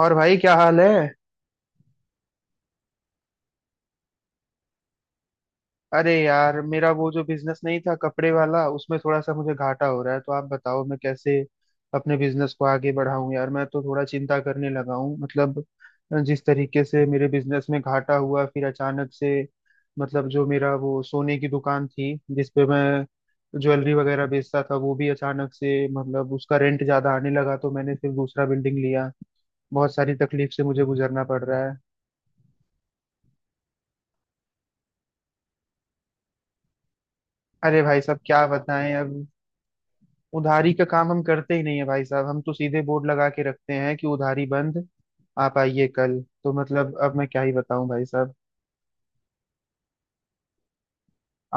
और भाई क्या हाल है। अरे यार, मेरा वो जो बिजनेस नहीं था कपड़े वाला, उसमें थोड़ा सा मुझे घाटा हो रहा है। तो आप बताओ मैं कैसे अपने बिजनेस को आगे बढ़ाऊं। यार मैं तो थोड़ा चिंता करने लगा हूँ। मतलब जिस तरीके से मेरे बिजनेस में घाटा हुआ, फिर अचानक से मतलब जो मेरा वो सोने की दुकान थी जिसपे मैं ज्वेलरी वगैरह बेचता था, वो भी अचानक से, मतलब उसका रेंट ज्यादा आने लगा तो मैंने फिर दूसरा बिल्डिंग लिया। बहुत सारी तकलीफ से मुझे गुजरना पड़ रहा है। अरे भाई साहब क्या बताएं अब। उधारी का काम हम करते ही नहीं है भाई साहब, हम तो सीधे बोर्ड लगा के रखते हैं कि उधारी बंद। आप आइए कल, तो मतलब अब मैं क्या ही बताऊं भाई साहब।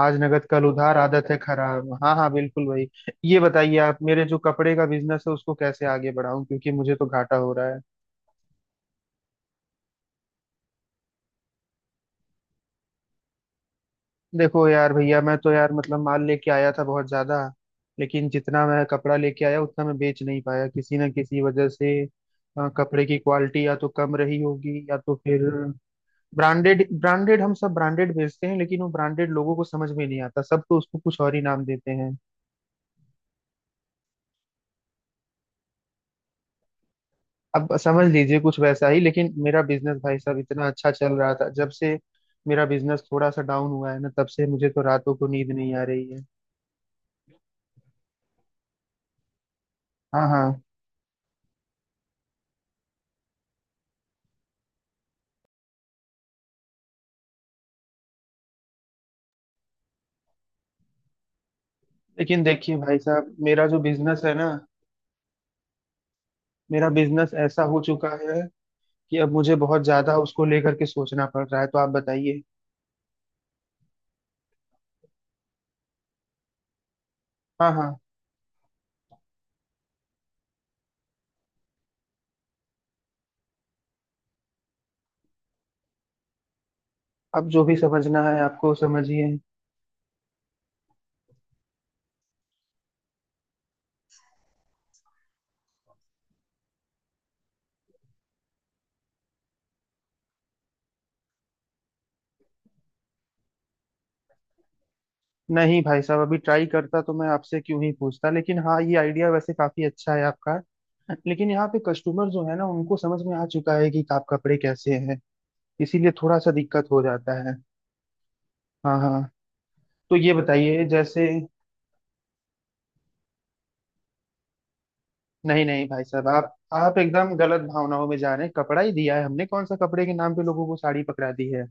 आज नगद कल उधार, आदत है खराब। हाँ हाँ, बिल्कुल भाई। ये बताइए आप, मेरे जो कपड़े का बिजनेस है उसको कैसे आगे बढ़ाऊं, क्योंकि मुझे तो घाटा हो रहा है। देखो यार भैया, मैं तो यार मतलब माल लेके आया था बहुत ज्यादा, लेकिन जितना मैं कपड़ा लेके आया उतना मैं बेच नहीं पाया, किसी ना किसी वजह से। कपड़े की क्वालिटी या तो कम रही होगी, या तो फिर ब्रांडेड, ब्रांडेड हम सब ब्रांडेड बेचते हैं, लेकिन वो ब्रांडेड लोगों को समझ में नहीं आता, सब तो उसको कुछ और ही नाम देते हैं। अब समझ लीजिए कुछ वैसा ही। लेकिन मेरा बिजनेस भाई साहब इतना अच्छा चल रहा था। जब से मेरा बिजनेस थोड़ा सा डाउन हुआ है ना, तब से मुझे तो रातों को नींद नहीं आ रही है। हाँ हाँ। लेकिन देखिए भाई साहब, मेरा जो बिजनेस है ना, मेरा बिजनेस ऐसा हो चुका है कि अब मुझे बहुत ज्यादा उसको लेकर के सोचना पड़ रहा है। तो आप बताइए। हाँ हाँ। अब जो भी समझना है आपको समझिए। नहीं भाई साहब, अभी ट्राई करता तो मैं आपसे क्यों ही पूछता, लेकिन हाँ ये आइडिया वैसे काफी अच्छा है आपका। लेकिन यहाँ पे कस्टमर जो है ना, उनको समझ में आ चुका है कि आप कपड़े कैसे हैं, इसीलिए थोड़ा सा दिक्कत हो जाता है। हाँ हाँ। तो ये बताइए जैसे, नहीं नहीं भाई साहब, आप एकदम गलत भावनाओं में जा रहे हैं। कपड़ा ही दिया है हमने, कौन सा कपड़े के नाम पे लोगों को साड़ी पकड़ा दी है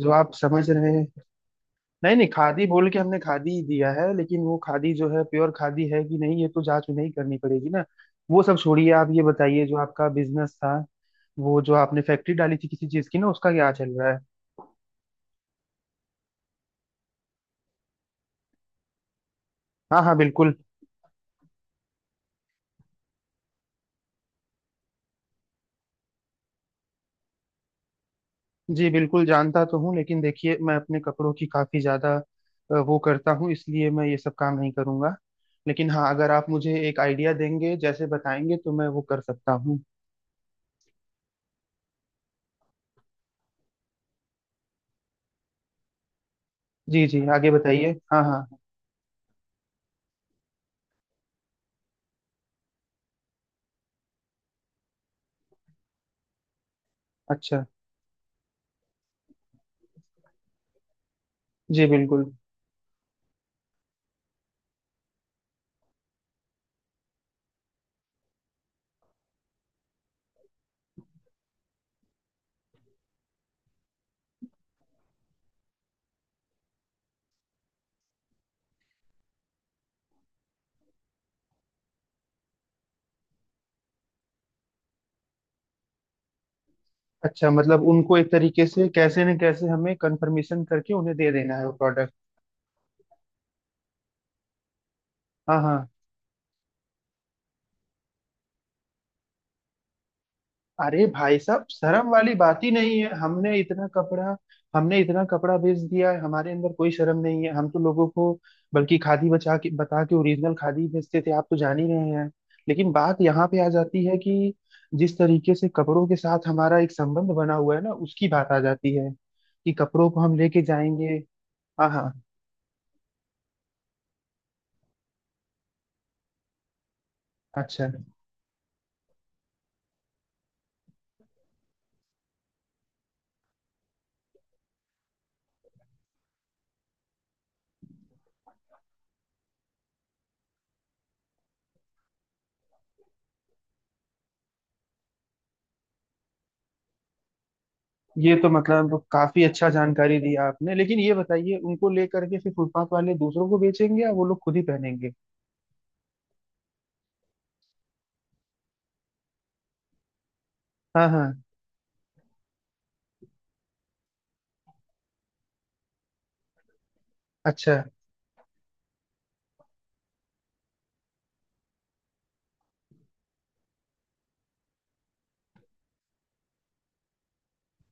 जो आप समझ रहे हैं। नहीं नहीं, खादी बोल के हमने खादी ही दिया है, लेकिन वो खादी जो है प्योर खादी है कि नहीं, ये तो जांच नहीं करनी पड़ेगी ना। वो सब छोड़िए, आप ये बताइए जो आपका बिजनेस था, वो जो आपने फैक्ट्री डाली थी किसी चीज की ना, उसका क्या चल रहा है। हाँ हाँ, बिल्कुल। जी बिल्कुल जानता तो हूँ, लेकिन देखिए मैं अपने कपड़ों की काफी ज्यादा वो करता हूँ, इसलिए मैं ये सब काम नहीं करूंगा। लेकिन हाँ, अगर आप मुझे एक आइडिया देंगे, जैसे बताएंगे, तो मैं वो कर सकता हूँ। जी जी आगे बताइए, हाँ हाँ हाँ, अच्छा। जी बिल्कुल। अच्छा, मतलब उनको एक तरीके से कैसे न कैसे हमें कंफर्मेशन करके उन्हें दे देना है वो प्रोडक्ट। हाँ हाँ। अरे भाई साहब, शर्म वाली बात ही नहीं है। हमने इतना कपड़ा, हमने इतना कपड़ा बेच दिया है, हमारे अंदर कोई शर्म नहीं है। हम तो लोगों को बल्कि खादी बचा के, बता के ओरिजिनल खादी बेचते थे, आप तो जान ही रहे हैं। लेकिन बात यहाँ पे आ जाती है कि जिस तरीके से कपड़ों के साथ हमारा एक संबंध बना हुआ है ना, उसकी बात आ जाती है कि कपड़ों को हम लेके जाएंगे। हाँ हाँ। अच्छा ये तो मतलब काफी अच्छा जानकारी दी आपने, लेकिन ये बताइए उनको लेकर के फिर फुटपाथ वाले दूसरों को बेचेंगे या वो लोग खुद ही पहनेंगे। हाँ हाँ। अच्छा,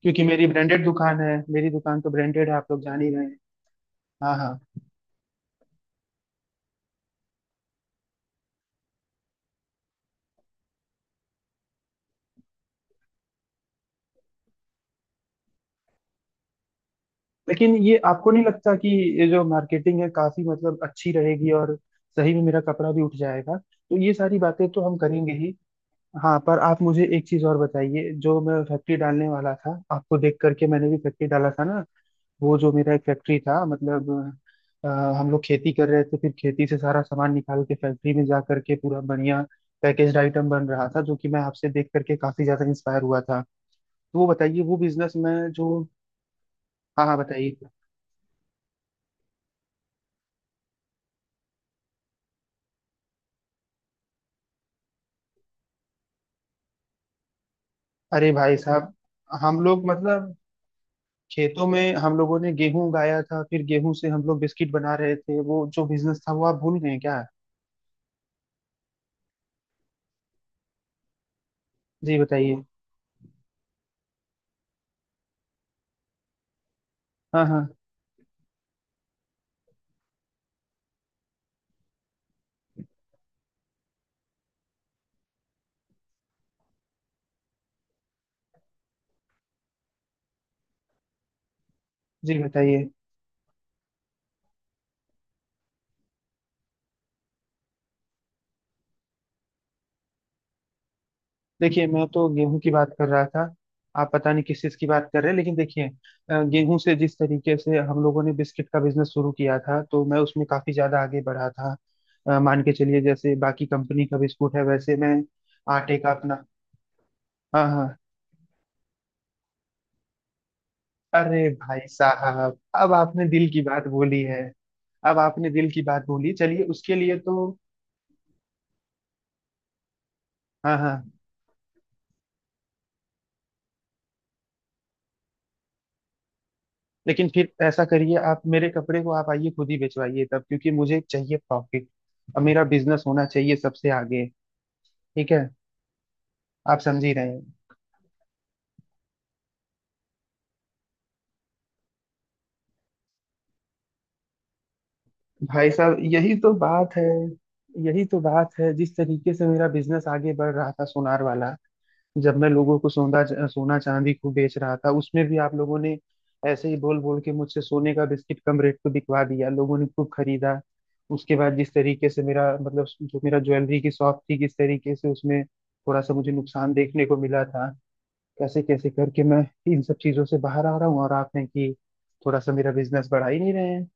क्योंकि मेरी ब्रांडेड दुकान है, मेरी दुकान तो ब्रांडेड है, आप लोग जान ही रहे हैं। हाँ हाँ। लेकिन ये आपको नहीं लगता कि ये जो मार्केटिंग है काफी मतलब अच्छी रहेगी, और सही में मेरा कपड़ा भी उठ जाएगा, तो ये सारी बातें तो हम करेंगे ही। हाँ, पर आप मुझे एक चीज और बताइए। जो मैं फैक्ट्री डालने वाला था, आपको देख करके मैंने भी फैक्ट्री डाला था ना, वो जो मेरा एक फैक्ट्री था, मतलब अ, हम लोग खेती कर रहे थे, फिर खेती से सारा सामान निकाल के फैक्ट्री में जा करके पूरा बढ़िया पैकेज्ड आइटम बन रहा था, जो कि मैं आपसे देख करके काफी ज्यादा इंस्पायर हुआ था। तो वो बताइए, वो बिजनेस में जो, हाँ हाँ बताइए। अरे भाई साहब, हम लोग मतलब खेतों में हम लोगों ने गेहूं उगाया था, फिर गेहूं से हम लोग बिस्किट बना रहे थे, वो जो बिजनेस था वो आप भूल गए क्या। जी बताइए। हाँ हाँ। जी बताइए। देखिए मैं तो गेहूं की बात कर रहा था, आप पता नहीं किस चीज की बात कर रहे हैं। लेकिन देखिए गेहूं से जिस तरीके से हम लोगों ने बिस्किट का बिजनेस शुरू किया था, तो मैं उसमें काफी ज्यादा आगे बढ़ा था। मान के चलिए, जैसे बाकी कंपनी का बिस्कुट है, वैसे मैं आटे का अपना, हाँ हाँ। अरे भाई साहब, अब आपने दिल की बात बोली है। अब आपने दिल की बात बोली, चलिए उसके लिए तो, हाँ हाँ। लेकिन फिर ऐसा करिए, आप मेरे कपड़े को आप आइए खुद ही बेचवाइए तब, क्योंकि मुझे चाहिए प्रॉफिट, और मेरा बिजनेस होना चाहिए सबसे आगे। ठीक है, आप समझ ही रहे हैं। भाई साहब, यही तो बात है। यही तो बात है, जिस तरीके से मेरा बिजनेस आगे बढ़ रहा था सोनार वाला, जब मैं लोगों को सोना सोना चांदी को बेच रहा था, उसमें भी आप लोगों ने ऐसे ही बोल बोल के मुझसे सोने का बिस्किट कम रेट पे बिकवा दिया, लोगों ने खूब खरीदा। उसके बाद जिस तरीके से मेरा, मतलब जो मेरा ज्वेलरी की शॉप थी, किस तरीके से उसमें थोड़ा सा मुझे नुकसान देखने को मिला था, कैसे कैसे करके मैं इन सब चीजों से बाहर आ रहा हूँ, और आप हैं कि थोड़ा सा मेरा बिजनेस बढ़ा ही नहीं रहे हैं।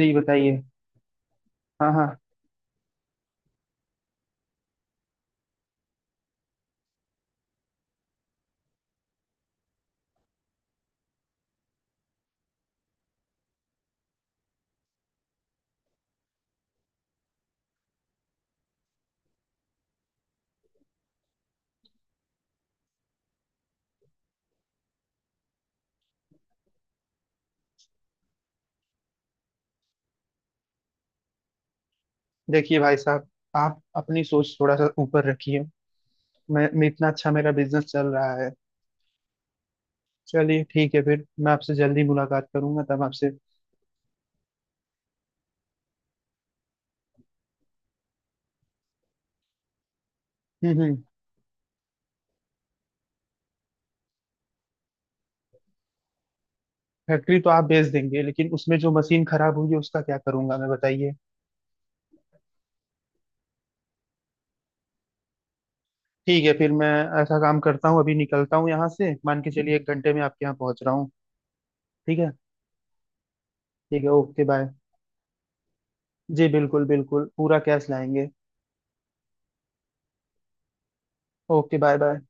जी बताइए। हाँ हाँ। देखिए भाई साहब, आप अपनी सोच थोड़ा सा ऊपर रखिए। मैं इतना अच्छा मेरा बिजनेस चल रहा है। चलिए ठीक है, फिर मैं आपसे जल्दी मुलाकात करूंगा, तब आपसे। हम्म। फैक्ट्री तो आप बेच देंगे, लेकिन उसमें जो मशीन खराब हुई है उसका क्या करूंगा मैं, बताइए। ठीक है, फिर मैं ऐसा काम करता हूँ, अभी निकलता हूँ यहाँ से, मान के चलिए 1 घंटे में आपके यहाँ पहुंच रहा हूँ। ठीक है। ठीक है, ओके बाय। जी बिल्कुल बिल्कुल, पूरा कैश लाएंगे। Okay bye bye.